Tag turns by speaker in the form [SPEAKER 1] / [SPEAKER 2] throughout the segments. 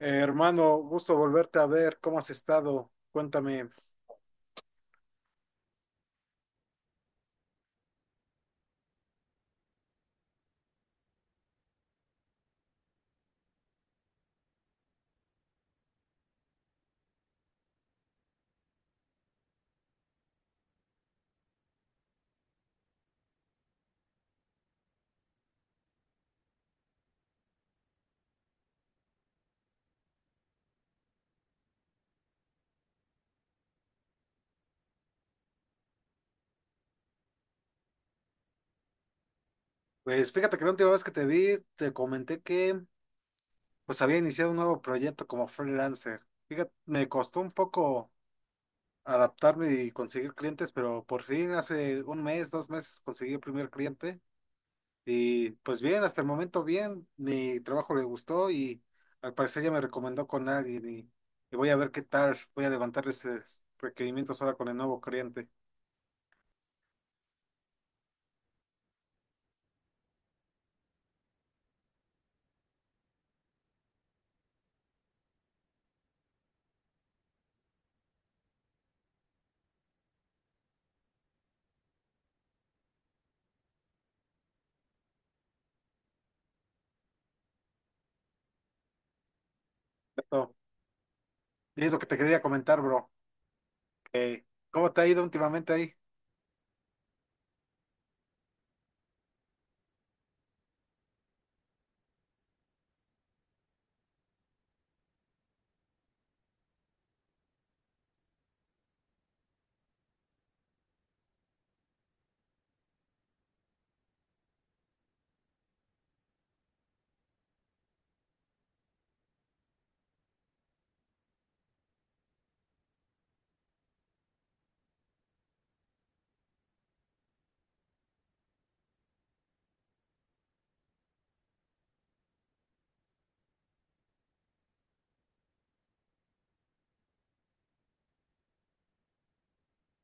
[SPEAKER 1] Hermano, gusto volverte a ver. ¿Cómo has estado? Cuéntame. Pues fíjate que la última vez que te vi, te comenté que pues había iniciado un nuevo proyecto como freelancer. Fíjate, me costó un poco adaptarme y conseguir clientes, pero por fin hace un mes, 2 meses conseguí el primer cliente y pues bien, hasta el momento bien, mi trabajo le gustó y al parecer ya me recomendó con alguien y voy a ver qué tal, voy a levantar esos requerimientos ahora con el nuevo cliente. Eso es lo que te quería comentar, bro. Eh, ¿Cómo te ha ido últimamente ahí?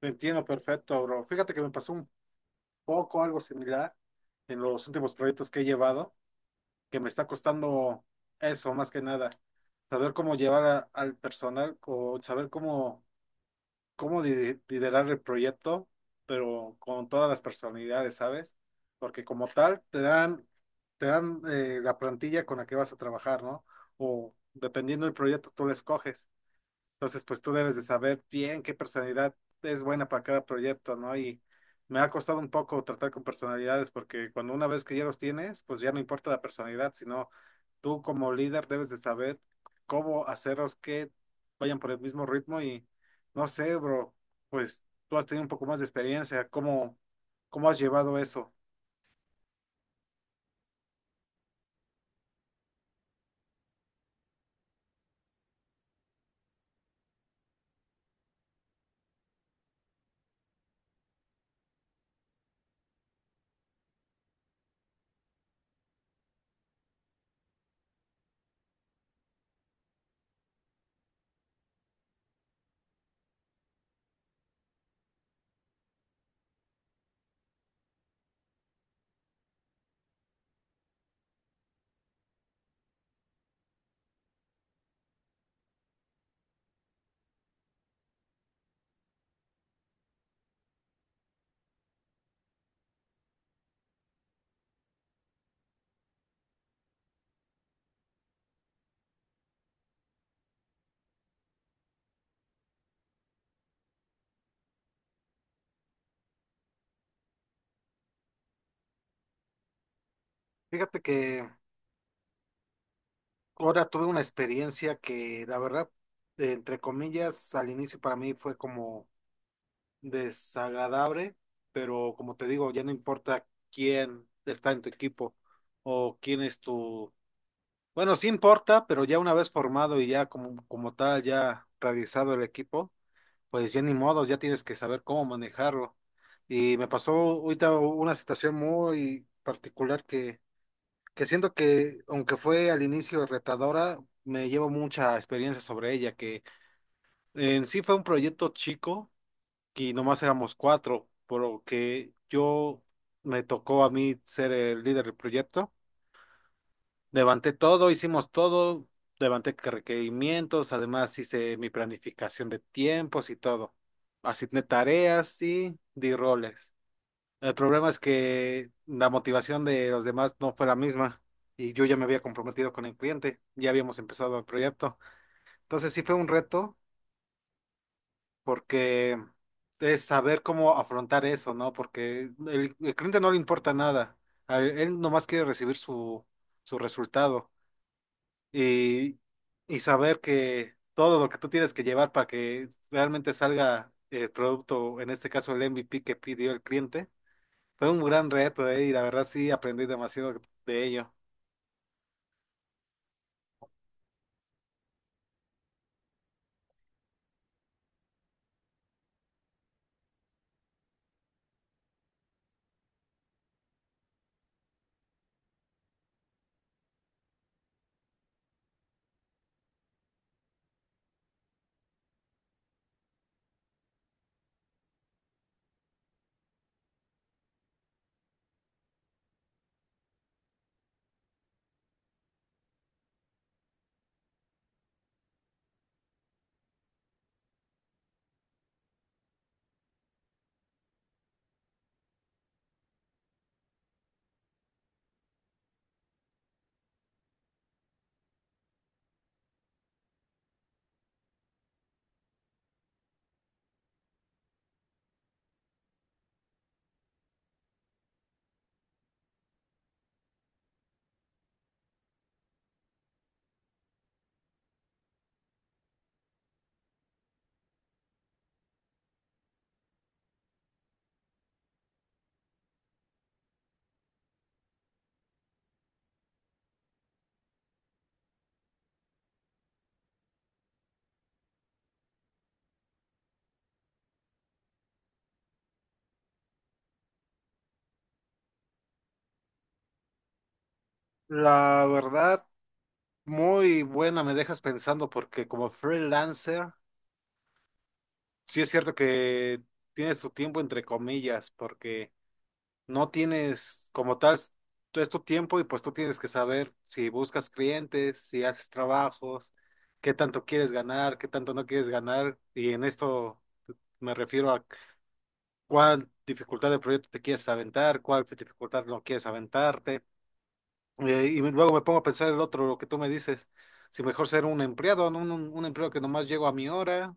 [SPEAKER 1] Te entiendo perfecto, bro. Fíjate que me pasó un poco algo similar en los últimos proyectos que he llevado, que me está costando eso más que nada, saber cómo llevar al personal o saber cómo liderar el proyecto, pero con todas las personalidades, ¿sabes? Porque como tal, te dan, la plantilla con la que vas a trabajar, ¿no? O dependiendo del proyecto, tú la escoges. Entonces, pues tú debes de saber bien qué personalidad es buena para cada proyecto, ¿no? Y me ha costado un poco tratar con personalidades porque cuando una vez que ya los tienes, pues ya no importa la personalidad, sino tú como líder debes de saber cómo hacerlos que vayan por el mismo ritmo y no sé, bro, pues tú has tenido un poco más de experiencia, ¿cómo has llevado eso? Fíjate que ahora tuve una experiencia que la verdad, entre comillas, al inicio para mí fue como desagradable, pero como te digo, ya no importa quién está en tu equipo o quién es tu... Bueno, sí importa, pero ya una vez formado y ya como tal, ya realizado el equipo, pues ya ni modos, ya tienes que saber cómo manejarlo. Y me pasó ahorita una situación muy particular que siento que, aunque fue al inicio retadora, me llevo mucha experiencia sobre ella, que en sí fue un proyecto chico y nomás éramos cuatro, por lo que yo me tocó a mí ser el líder del proyecto. Levanté todo, hicimos todo, levanté que requerimientos, además hice mi planificación de tiempos y todo. Asigné tareas y di roles. El problema es que la motivación de los demás no fue la misma y yo ya me había comprometido con el cliente, ya habíamos empezado el proyecto. Entonces sí fue un reto porque es saber cómo afrontar eso, ¿no? Porque el cliente no le importa nada, a él nomás quiere recibir su resultado y, y saber que todo lo que tú tienes que llevar para que realmente salga el producto, en este caso el MVP que pidió el cliente, fue un gran reto, ¿eh? Y la verdad sí aprendí demasiado de ello. La verdad, muy buena, me dejas pensando porque como freelancer, sí es cierto que tienes tu tiempo entre comillas, porque no tienes como tal, es tu tiempo y pues tú tienes que saber si buscas clientes, si haces trabajos, qué tanto quieres ganar, qué tanto no quieres ganar. Y en esto me refiero a cuál dificultad de proyecto te quieres aventar, cuál dificultad no quieres aventarte. Y luego me pongo a pensar el otro, lo que tú me dices, si mejor ser un empleado, ¿no? Un empleado que nomás llego a mi hora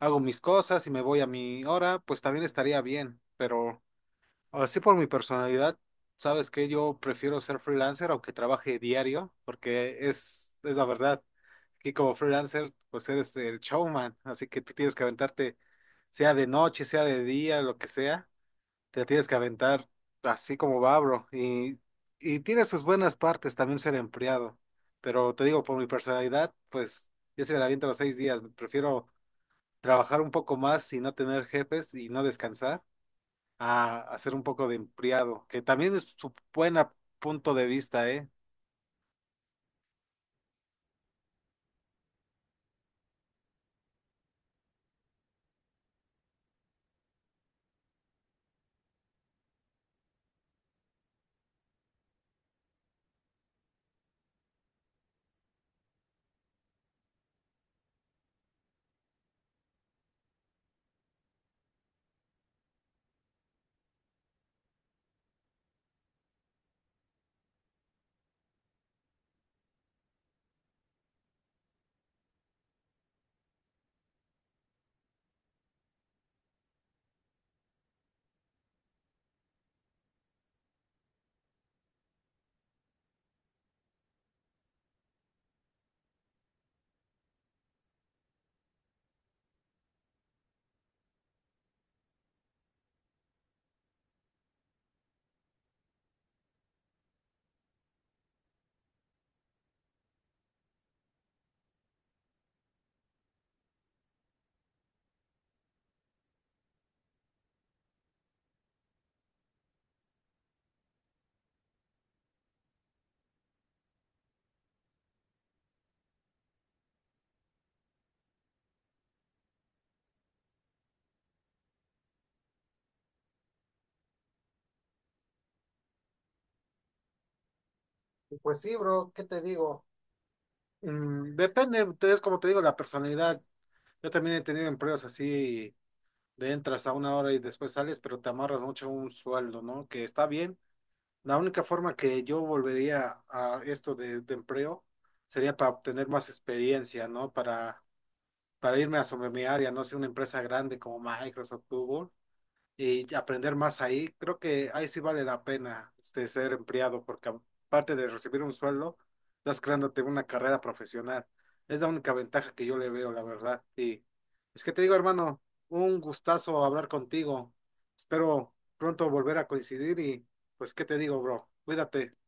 [SPEAKER 1] hago mis cosas y me voy a mi hora, pues también estaría bien, pero así por mi personalidad, sabes que yo prefiero ser freelancer aunque trabaje diario, porque es la verdad, aquí como freelancer, pues eres el showman, así que tú tienes que aventarte, sea de noche, sea de día, lo que sea, te tienes que aventar así como va, bro, y tiene sus buenas partes también ser empleado, pero te digo, por mi personalidad, pues yo se me la aviento los 6 días, prefiero trabajar un poco más y no tener jefes y no descansar, a hacer un poco de empleado, que también es su buen punto de vista, ¿eh? Pues sí, bro, ¿qué te digo? Depende, es como te digo, la personalidad. Yo también he tenido empleos así de entras a una hora y después sales, pero te amarras mucho a un sueldo, ¿no? Que está bien. La única forma que yo volvería a esto de empleo sería para obtener más experiencia, ¿no? Para irme a sobre mi área, no sé, una empresa grande como Microsoft, Google, y aprender más ahí, creo que ahí sí vale la pena este, ser empleado, porque aparte de recibir un sueldo, estás creándote una carrera profesional. Es la única ventaja que yo le veo, la verdad. Y es que te digo, hermano, un gustazo hablar contigo. Espero pronto volver a coincidir y pues, ¿qué te digo, bro? Cuídate.